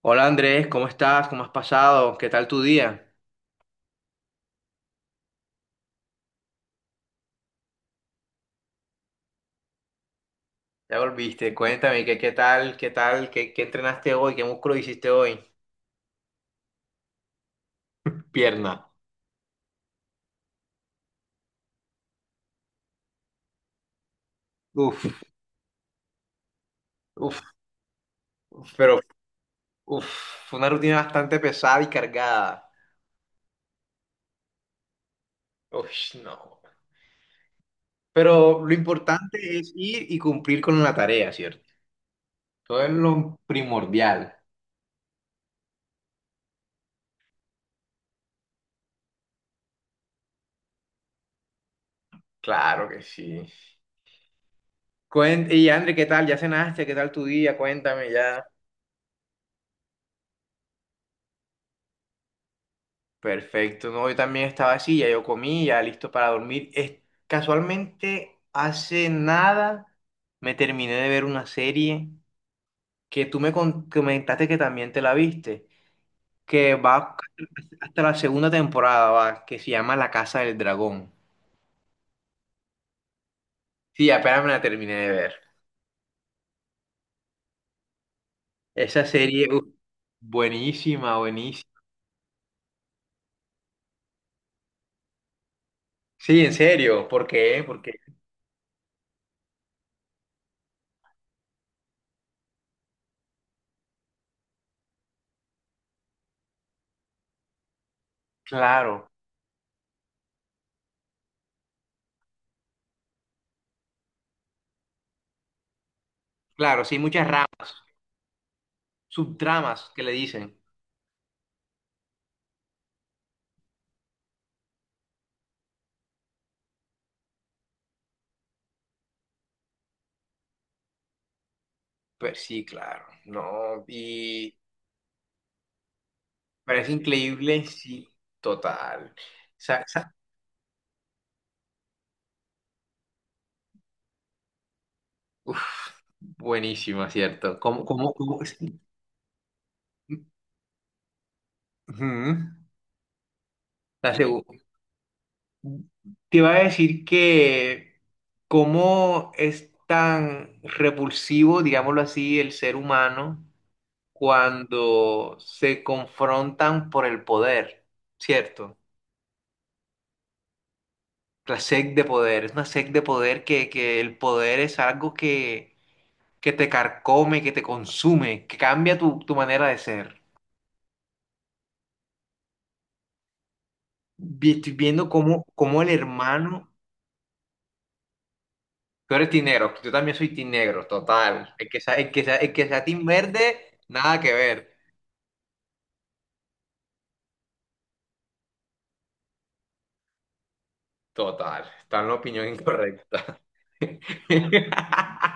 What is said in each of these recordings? Hola Andrés, ¿cómo estás? ¿Cómo has pasado? ¿Qué tal tu día? Ya volviste, cuéntame, ¿qué tal? ¿Qué tal? ¿Qué entrenaste hoy? ¿Qué músculo hiciste hoy? Pierna. Uf, uf, pero uf, fue una rutina bastante pesada y cargada. Uf, no. Pero lo importante es ir y cumplir con la tarea, ¿cierto? Todo es lo primordial. Claro que sí. Y Andrés, ¿qué tal? ¿Ya cenaste? ¿Qué tal tu día? Cuéntame ya. Perfecto, no, yo también estaba así, ya yo comí, ya listo para dormir. Es, casualmente, hace nada me terminé de ver una serie que tú me comentaste que también te la viste, que va hasta la segunda temporada, va, que se llama La Casa del Dragón. Sí, apenas me la terminé de ver. Esa serie, uf, buenísima, buenísima. Sí, en serio, ¿por qué? Porque, claro, claro, sí, muchas ramas, subtramas que le dicen. Pues sí, claro, no, y parece increíble, sí, total. Sa- sa- Uf, buenísima, ¿cierto? ¿Cómo es? Ujú. La segu- Te iba a decir que cómo es tan repulsivo, digámoslo así, el ser humano cuando se confrontan por el poder, ¿cierto? La sed de poder, es una sed de poder que el poder es algo que te carcome, que te consume, que cambia tu manera de ser. Estoy viendo cómo el hermano, tú eres tinegro, yo también soy tinegro, total. El que sea, el que sea, el que sea tin verde, nada que ver, total. Está en la opinión incorrecta.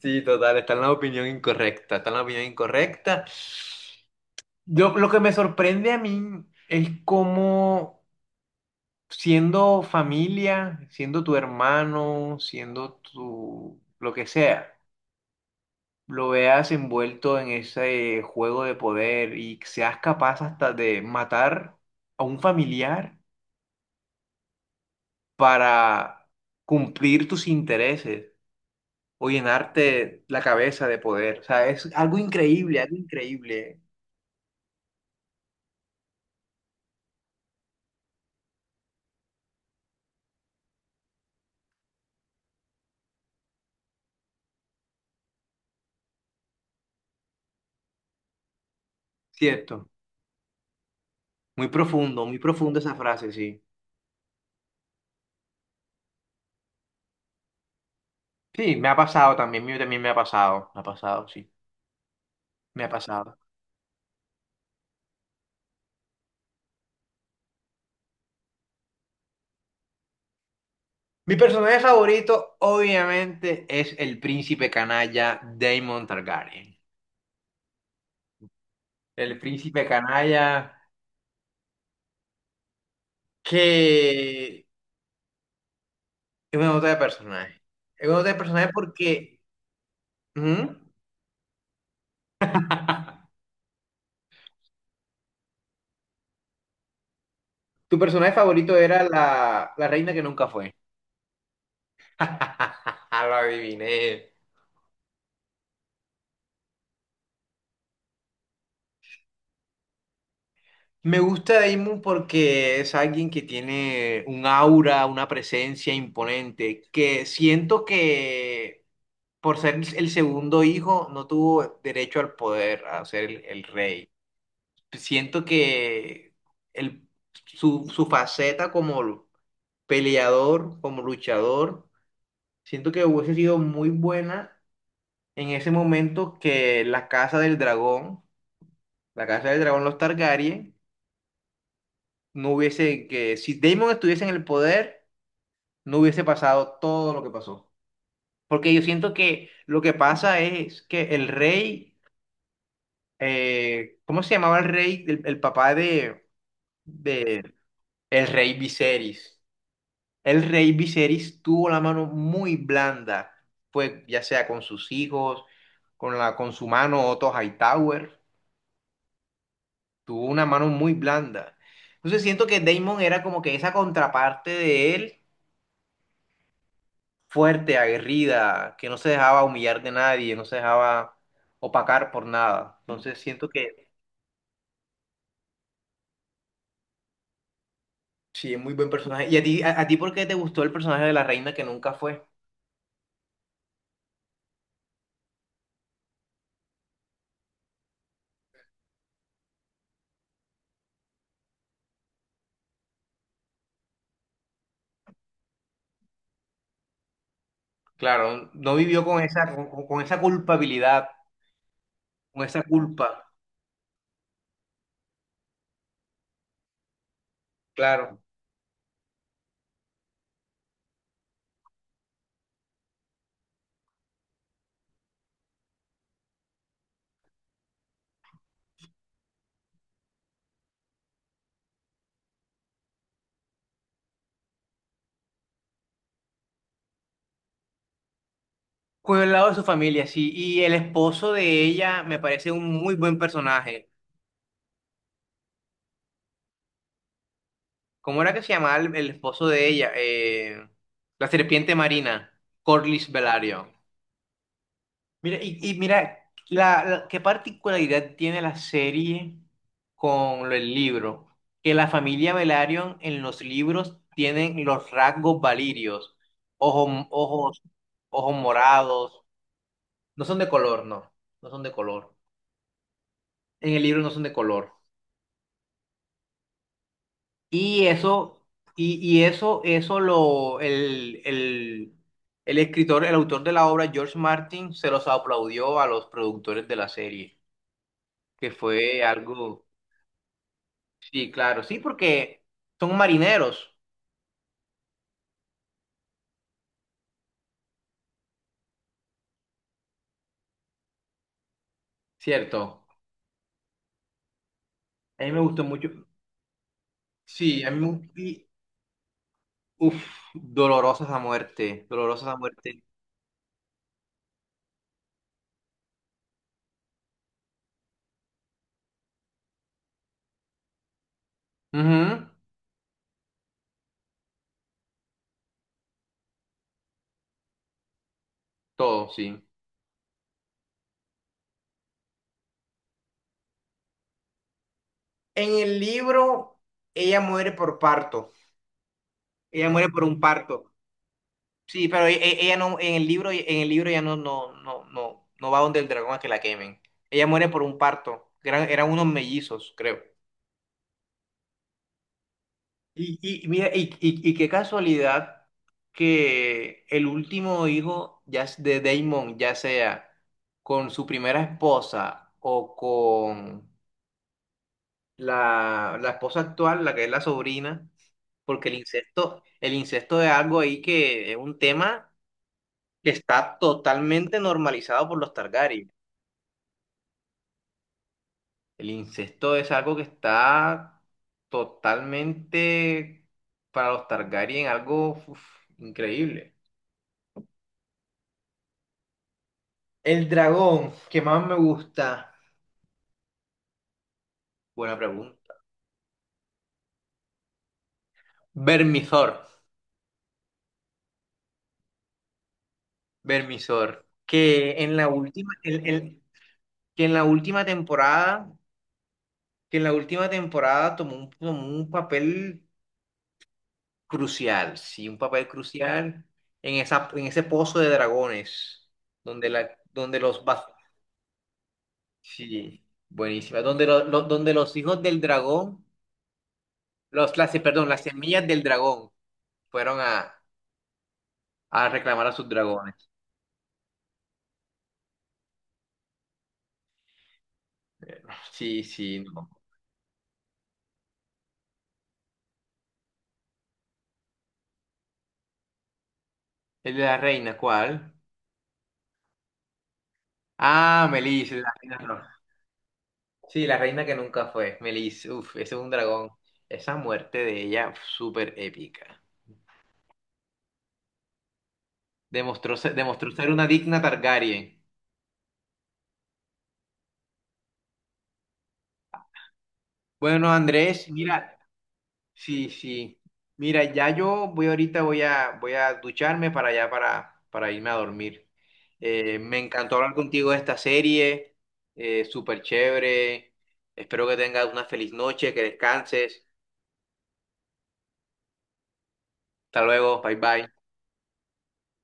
Sí, total, está en la opinión incorrecta, está en la opinión incorrecta. Yo, lo que me sorprende a mí es cómo siendo familia, siendo tu hermano, siendo tu lo que sea, lo veas envuelto en ese juego de poder y seas capaz hasta de matar a un familiar para cumplir tus intereses o llenarte la cabeza de poder. O sea, es algo increíble, algo increíble. Cierto. Muy profundo esa frase, sí. Sí, me ha pasado también, mío también me ha pasado, sí, me ha pasado. Mi personaje favorito, obviamente, es el príncipe canalla Daemon Targaryen. El príncipe canalla que es una nota de personaje. Es una nota de personaje porque ujú, tu personaje favorito era la reina que nunca fue. Lo adiviné. Me gusta Daemon porque es alguien que tiene un aura, una presencia imponente, que siento que por ser el segundo hijo, no tuvo derecho al poder, a ser el rey. Siento que el, su faceta como peleador, como luchador, siento que hubiese sido muy buena en ese momento que la Casa del Dragón, la Casa del Dragón, los Targaryen, no hubiese, que si Daemon estuviese en el poder, no hubiese pasado todo lo que pasó. Porque yo siento que lo que pasa es que el rey ¿cómo se llamaba el rey, el papá de el rey Viserys? El rey Viserys tuvo la mano muy blanda, pues ya sea con sus hijos, con la, con su mano Otto Hightower, tuvo una mano muy blanda. Entonces siento que Daemon era como que esa contraparte de él, fuerte, aguerrida, que no se dejaba humillar de nadie, no se dejaba opacar por nada. Entonces siento que sí, es muy buen personaje. ¿Y a ti, a ti por qué te gustó el personaje de la reina que nunca fue? Claro, no vivió con esa, esa culpabilidad, con esa culpa, claro. Con el lado de su familia, sí. Y el esposo de ella me parece un muy buen personaje. ¿Cómo era que se llamaba el esposo de ella? La serpiente marina, Corlys Velario. Mira, y mira, ¿qué particularidad tiene la serie con el libro? Que la familia Velaryon en los libros tienen los rasgos valirios, ojos, ojos, ojos morados, no son de color, no, no son de color. En el libro no son de color. Y eso, y eso, el escritor, el autor de la obra, George Martin, se los aplaudió a los productores de la serie, que fue algo... Sí, claro, sí, porque son marineros, ¿cierto? A mí me gustó mucho. Sí, a mí me gustó. Y, uf, dolorosas a muerte, dolorosas a muerte. Ujú, todo, sí. En el libro, ella muere por parto. Ella muere por un parto. Sí, pero ella no, en el libro ya no, no, no, no, no va donde el dragón a que la quemen. Ella muere por un parto. Eran, eran unos mellizos, creo. Y, y mira, y qué casualidad que el último hijo ya de Damon, ya sea con su primera esposa o con la esposa actual, la que es la sobrina, porque el incesto es algo ahí que es un tema que está totalmente normalizado por los Targaryen. El incesto es algo que está totalmente para los Targaryen, algo uf, increíble. El dragón que más me gusta. Buena pregunta. Vermisor. Vermisor. Que en la última, que en la última temporada, que en la última temporada tomó un papel crucial. Sí, un papel crucial en esa, en ese pozo de dragones. Donde la, sí, buenísima. Donde donde los hijos del dragón, los, las, perdón, las semillas del dragón fueron a reclamar a sus dragones. Sí, sí, no. El de la reina, ¿cuál? Ah, Melis, la reina roja. Sí, la reina que nunca fue. Melis, uff, ese es un dragón. Esa muerte de ella, uf, súper épica. Demostró ser una digna Targaryen. Bueno, Andrés, mira, sí, sí. Mira, ya yo voy ahorita, voy a, voy a ducharme para allá, para irme a dormir. Me encantó hablar contigo de esta serie, súper chévere. Espero que tengas una feliz noche, que descanses. Hasta luego, bye bye.